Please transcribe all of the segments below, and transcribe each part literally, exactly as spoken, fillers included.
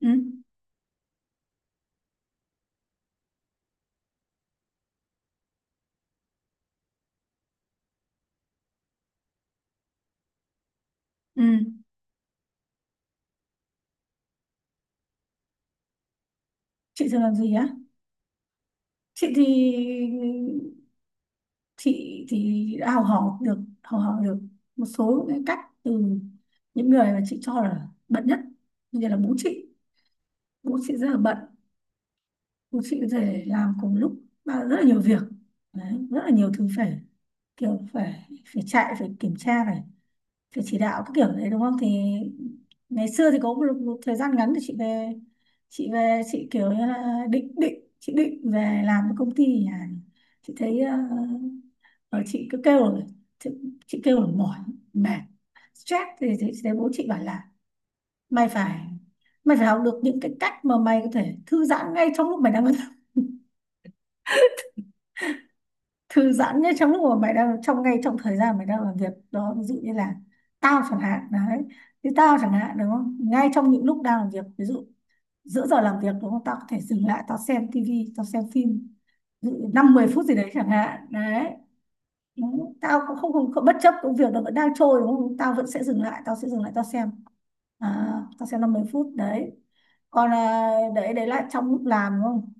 ừ ừ chị thường làm gì á? Chị thì chị thì đã học hỏi được học hỏi được một số cái cách từ những người mà chị cho là bận nhất, như là bố chị. Bố chị rất là bận. Bố chị có thể làm cùng lúc ba- rất là nhiều việc. Đấy, rất là nhiều thứ phải, kiểu phải phải chạy, phải kiểm tra, phải phải chỉ đạo các kiểu đấy, đúng không? Thì ngày xưa thì có một, một thời gian ngắn thì chị về. Chị về chị kiểu như là định định chị định về làm cái công ty nhà. Chị thấy ờ, ờ, chị cứ kêu là, chị, chị kêu là mỏi, mệt, stress thì, thì chị thấy bố chị bảo là mày phải, mày phải học được những cái cách mà mày có thể thư giãn ngay trong lúc mày đang thư giãn nhất, trong lúc mà mày đang trong ngay trong thời gian mày đang làm việc đó. Ví dụ như là tao chẳng hạn đấy, thì tao chẳng hạn đúng không, ngay trong những lúc đang làm việc, ví dụ giữa giờ làm việc đúng không, tao có thể dừng lại tao xem tivi, tao xem phim, ví dụ năm mười phút gì đấy chẳng hạn đấy. Đúng. Tao cũng không, không, không bất chấp công việc, nó vẫn đang trôi đúng không, tao vẫn sẽ dừng lại, tao sẽ dừng lại tao xem, à, tao xem năm mười phút đấy. Còn à, đấy, đấy là trong lúc làm đúng không,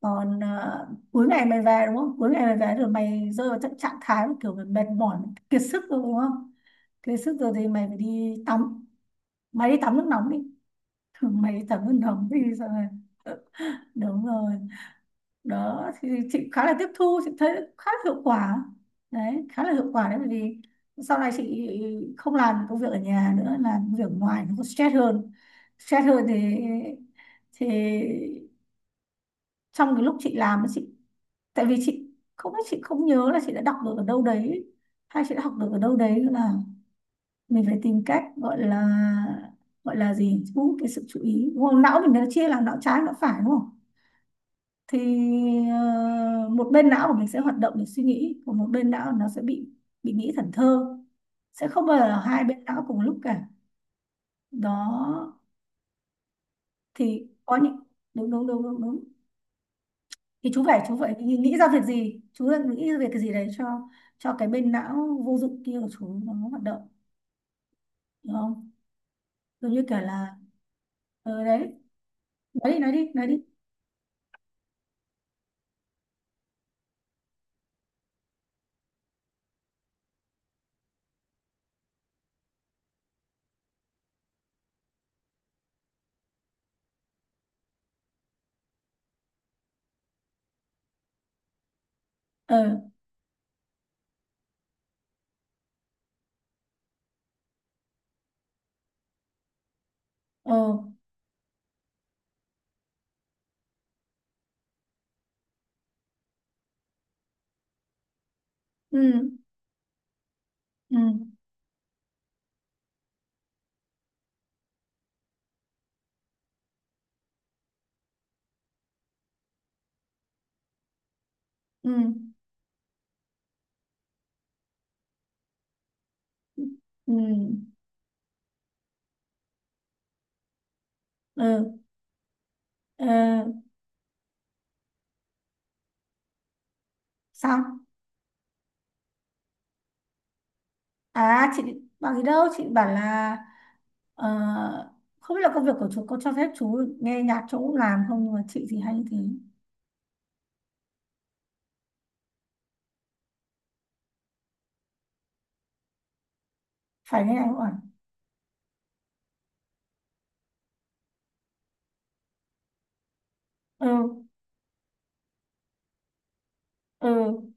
còn à, cuối ngày mày về đúng không, cuối ngày mày về rồi mày rơi vào trạng trạng thái mà kiểu mày mệt mỏi, mày kiệt sức rồi đúng không. Kiệt sức rồi thì mày phải đi tắm, mày đi tắm nước nóng đi thường mày đi tắm nước nóng đi rồi. ờ, Đúng rồi. Đó thì chị khá là tiếp thu, chị thấy khá là hiệu quả đấy, khá là hiệu quả đấy, bởi vì sau này chị không làm công việc ở nhà nữa, làm công việc ở ngoài nó có stress hơn. Stress hơn thì thì Trong cái lúc chị làm ấy, chị tại vì chị không biết, chị không nhớ là chị đã đọc được ở đâu đấy hay chị đã học được ở đâu đấy nữa, là mình phải tìm cách gọi là, gọi là gì, thu hút cái sự chú ý đúng không? Não mình nó chia làm não trái, não phải đúng không, thì ờ, một bên não của mình sẽ hoạt động để suy nghĩ, còn một bên não nó sẽ bị bị nghĩ thần thơ. Sẽ không bao giờ là hai bên não cùng lúc cả. Đó thì có những, đúng đúng đúng đúng đúng, thì chú phải, chú phải nghĩ, nghĩ ra việc gì, chú đang nghĩ ra việc cái gì đấy cho cho cái bên não vô dụng kia của chú nó hoạt động. Hiểu không? Giống như kiểu là, ờ đấy, nói đi nói đi nói đi. ờ ờ ừ ừ ừ ừ ờ ờ Sao? À chị bảo gì đâu, chị bảo là ờ, không biết là công việc của chú có cho phép chú nghe nhạc chỗ làm không, nhưng mà chị thì hay như thế. Phải nghe anh bảo. ừ ừ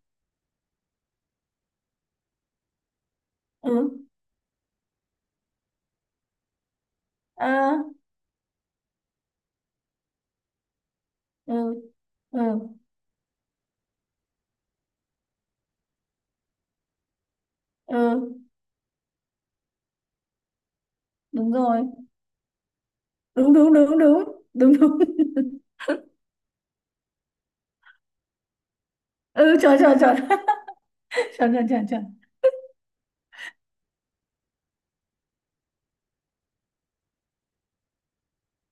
ừ ờ ừ ừ ừ Đúng rồi. Đúng đúng đúng đúng đúng đúng. ừ trời trời trời trời trời trời trời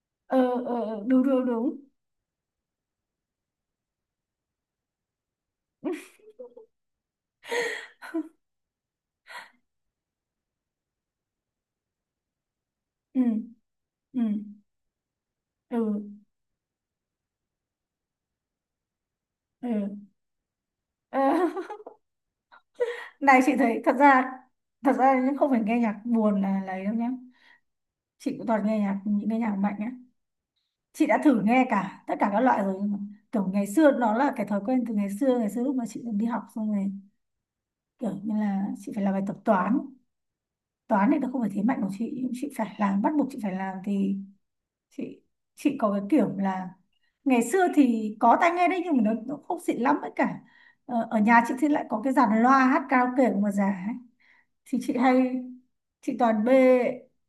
ừ ừ ừ, đúng đúng đúng. ừ ừ ừ ừ Ờ, này chị thấy thật ra, thật ra nhưng không phải nghe nhạc buồn là lấy đâu nhá. Chị cũng toàn nghe nhạc, những cái nhạc mạnh á. Chị đã thử nghe cả tất cả các loại rồi, nhưng mà kiểu ngày xưa nó là cái thói quen từ ngày xưa. Ngày xưa lúc mà chị còn đi học, xong rồi kiểu như là chị phải làm bài tập toán. Toán thì nó không phải thế mạnh của chị, nhưng chị phải làm, bắt buộc chị phải làm, thì chị chị có cái kiểu là ngày xưa thì có tai nghe đấy, nhưng mà nó, nó không xịn lắm, với cả ờ, ở nhà chị thì lại có cái dàn loa hát karaoke của một già, thì chị hay, chị toàn bê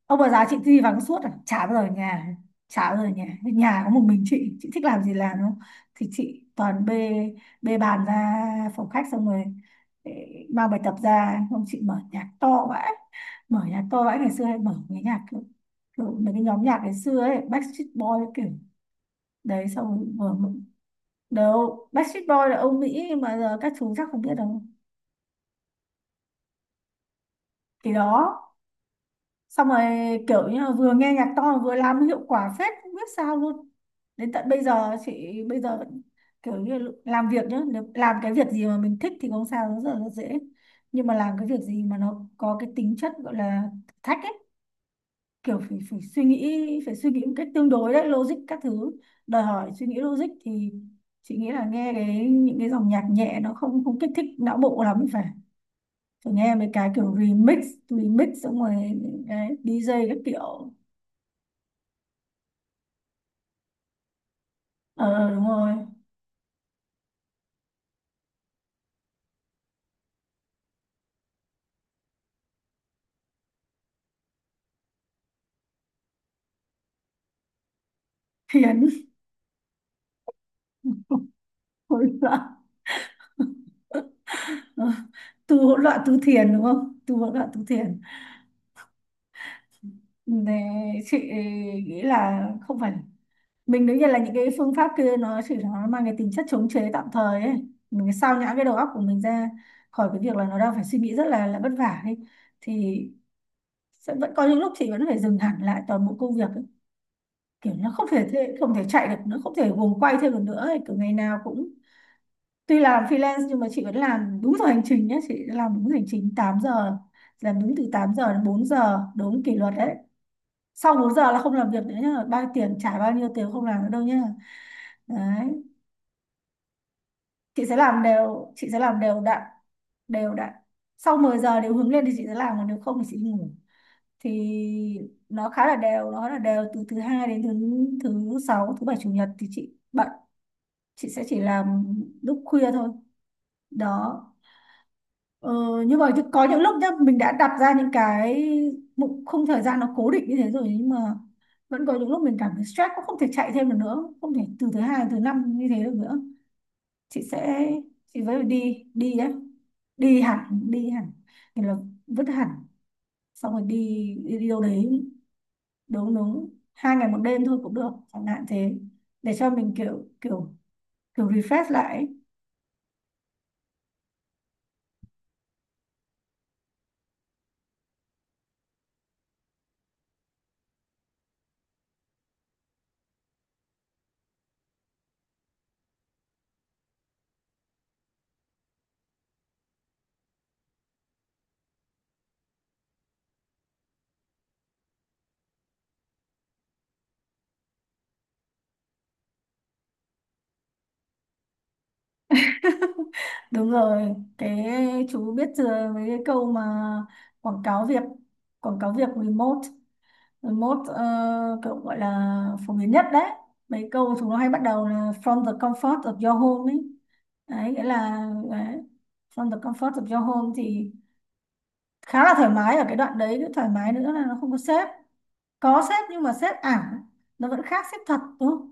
ông bà già chị đi vắng suốt à, chả bao giờ ở nhà. Chả bao giờ ở nhà, nhà có một mình chị chị thích làm gì làm đúng không, thì chị toàn bê, bê bàn ra phòng khách, xong rồi eh, mang bài tập ra, không chị mở nhạc to vãi. Mở nhạc to vãi, ngày xưa hay mở cái nhạc kiểu, kiểu mấy cái nhóm nhạc ngày xưa ấy, Backstreet Boy, kiểu đấy, xong rồi mở. Đâu, Backstreet Boy là ông Mỹ mà, giờ các chú chắc không biết đâu. Thì đó, xong rồi kiểu như là vừa nghe nhạc to mà vừa làm, hiệu quả phết không biết sao luôn. Đến tận bây giờ chị, bây giờ vẫn kiểu như là làm việc nhá, nếu làm cái việc gì mà mình thích thì không sao, rất là rất dễ, nhưng mà làm cái việc gì mà nó có cái tính chất gọi là thử thách ấy, kiểu phải, phải suy nghĩ, phải suy nghĩ một cách tương đối đấy, logic các thứ, đòi hỏi suy nghĩ logic, thì chị nghĩ là nghe cái những cái dòng nhạc nhẹ nó không, không kích thích não bộ lắm. Phải, phải nghe mấy cái kiểu remix remix xong rồi cái đi giê các kiểu. Ờ đúng rồi. Thiền hỗn loạn. Ờ, tu hỗn loạn tu thiền đúng không, tu hỗn loạn tu thiền để, chị nghĩ là không phải, mình đương nhiên là những cái phương pháp kia nó chỉ là nó mang cái tính chất chống chế tạm thời ấy, mình cái sao nhãng cái đầu óc của mình ra khỏi cái việc là nó đang phải suy nghĩ rất là là vất vả ấy, thì sẽ vẫn có những lúc chị vẫn phải dừng hẳn lại toàn bộ công việc ấy. Kiểu nó không thể thế, không thể chạy được nữa, không thể guồng quay thêm được nữa ấy. Kiểu ngày nào cũng, tuy làm freelance nhưng mà chị vẫn làm đúng giờ hành trình nhé. Chị làm đúng giờ hành trình tám giờ, làm đúng từ tám giờ đến bốn giờ, đúng kỷ luật đấy. Sau bốn giờ là không làm việc nữa nhá, bao nhiêu tiền trả bao nhiêu tiền không làm nữa đâu nhá. Đấy, chị sẽ làm đều, chị sẽ làm đều đặn, đều đặn. Sau mười giờ nếu hướng lên thì chị sẽ làm, còn nếu không thì chị ngủ, thì nó khá là đều, nó là đều từ thứ hai đến thứ thứ sáu. Thứ bảy chủ nhật thì chị bận, chị sẽ chỉ làm lúc khuya thôi. Đó, Ờ, nhưng mà có những lúc nhá, mình đã đặt ra những cái mục khung thời gian nó cố định như thế rồi, nhưng mà vẫn có những lúc mình cảm thấy stress, cũng không thể chạy thêm được nữa, không thể từ thứ hai đến thứ năm như thế được nữa. Chị sẽ, chị với đi đi đấy, đi hẳn, đi hẳn, thì là vứt hẳn, xong rồi đi, đi, đi đâu đấy. Đúng đúng, hai ngày một đêm thôi cũng được chẳng hạn thế, để cho mình kiểu kiểu, kiểu refresh lại ấy. Đúng rồi, cái chú biết chưa, với cái câu mà quảng cáo việc, quảng cáo việc remote remote uh, kiểu gọi là phổ biến nhất đấy. Mấy câu chúng nó hay bắt đầu là from the comfort of your home ấy. Đấy, nghĩa là đấy, from the comfort of your home thì khá là thoải mái ở cái đoạn đấy, cái thoải mái nữa là nó không có sếp. Có sếp nhưng mà sếp ảo, nó vẫn khác sếp thật đúng không?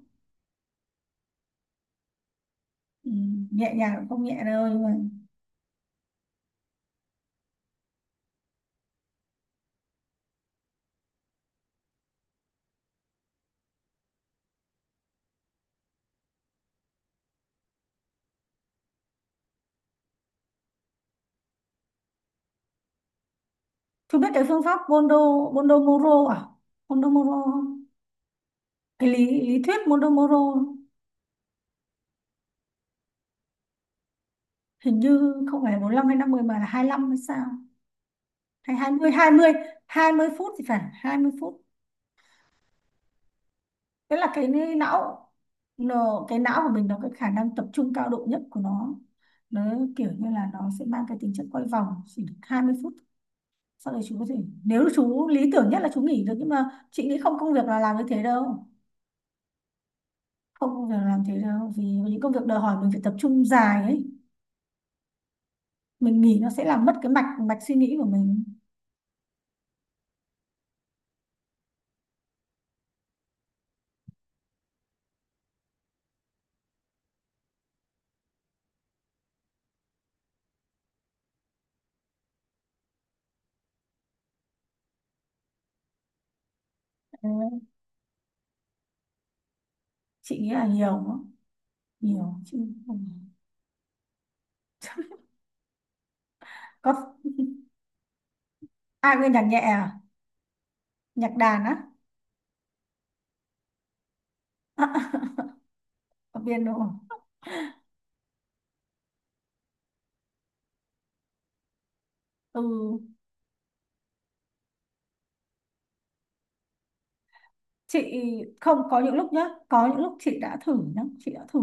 Ừ, nhẹ nhàng cũng không nhẹ đâu nhưng mà, chú biết cái phương pháp bondo, bondomoro à? Bondomoro không? Cái lý, lý thuyết bondomoro, hình như không phải bốn mươi lăm hay năm mươi mà là hai lăm hay sao? Hay hai hai mươi, hai mươi hai mươi phút thì phải, hai mươi phút. Tức là cái não, nó, cái não của mình nó, cái khả năng tập trung cao độ nhất của nó. Nó kiểu như là nó sẽ mang cái tính chất quay vòng chỉ được hai mươi phút. Sau đấy chú có thể, nếu chú lý tưởng nhất là chú nghỉ được, nhưng mà chị nghĩ không, công việc là làm như thế đâu. Không công việc làm thế đâu, vì những công việc đòi hỏi mình phải tập trung dài ấy, mình nghỉ nó sẽ làm mất cái mạch, mạch suy nghĩ của mình. Ờ, chị nghĩ là nhiều đó. Nhiều chứ không- có ai nghe nhạc nhẹ à? Nhạc đàn á? có piano à? Ừ chị không, có những lúc nhá, có những lúc chị đã thử nhá, chị đã thử,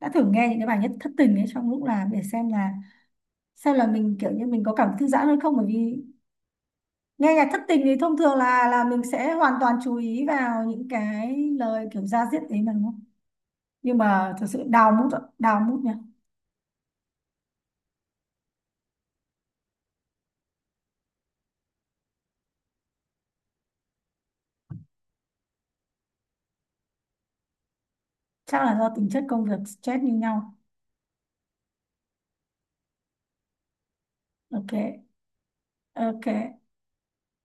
đã thử nghe những cái bài nhất thất tình ấy trong lúc làm để xem là, xem là mình kiểu như mình có cảm thư giãn hơn không, bởi vì nghe nhạc thất tình thì thông thường là là mình sẽ hoàn toàn chú ý vào những cái lời kiểu da diết đấy mà đúng không, nhưng mà thực sự đào mút ạ, đào mút nha. Chắc là do tính chất công việc stress như nhau. Ok ok.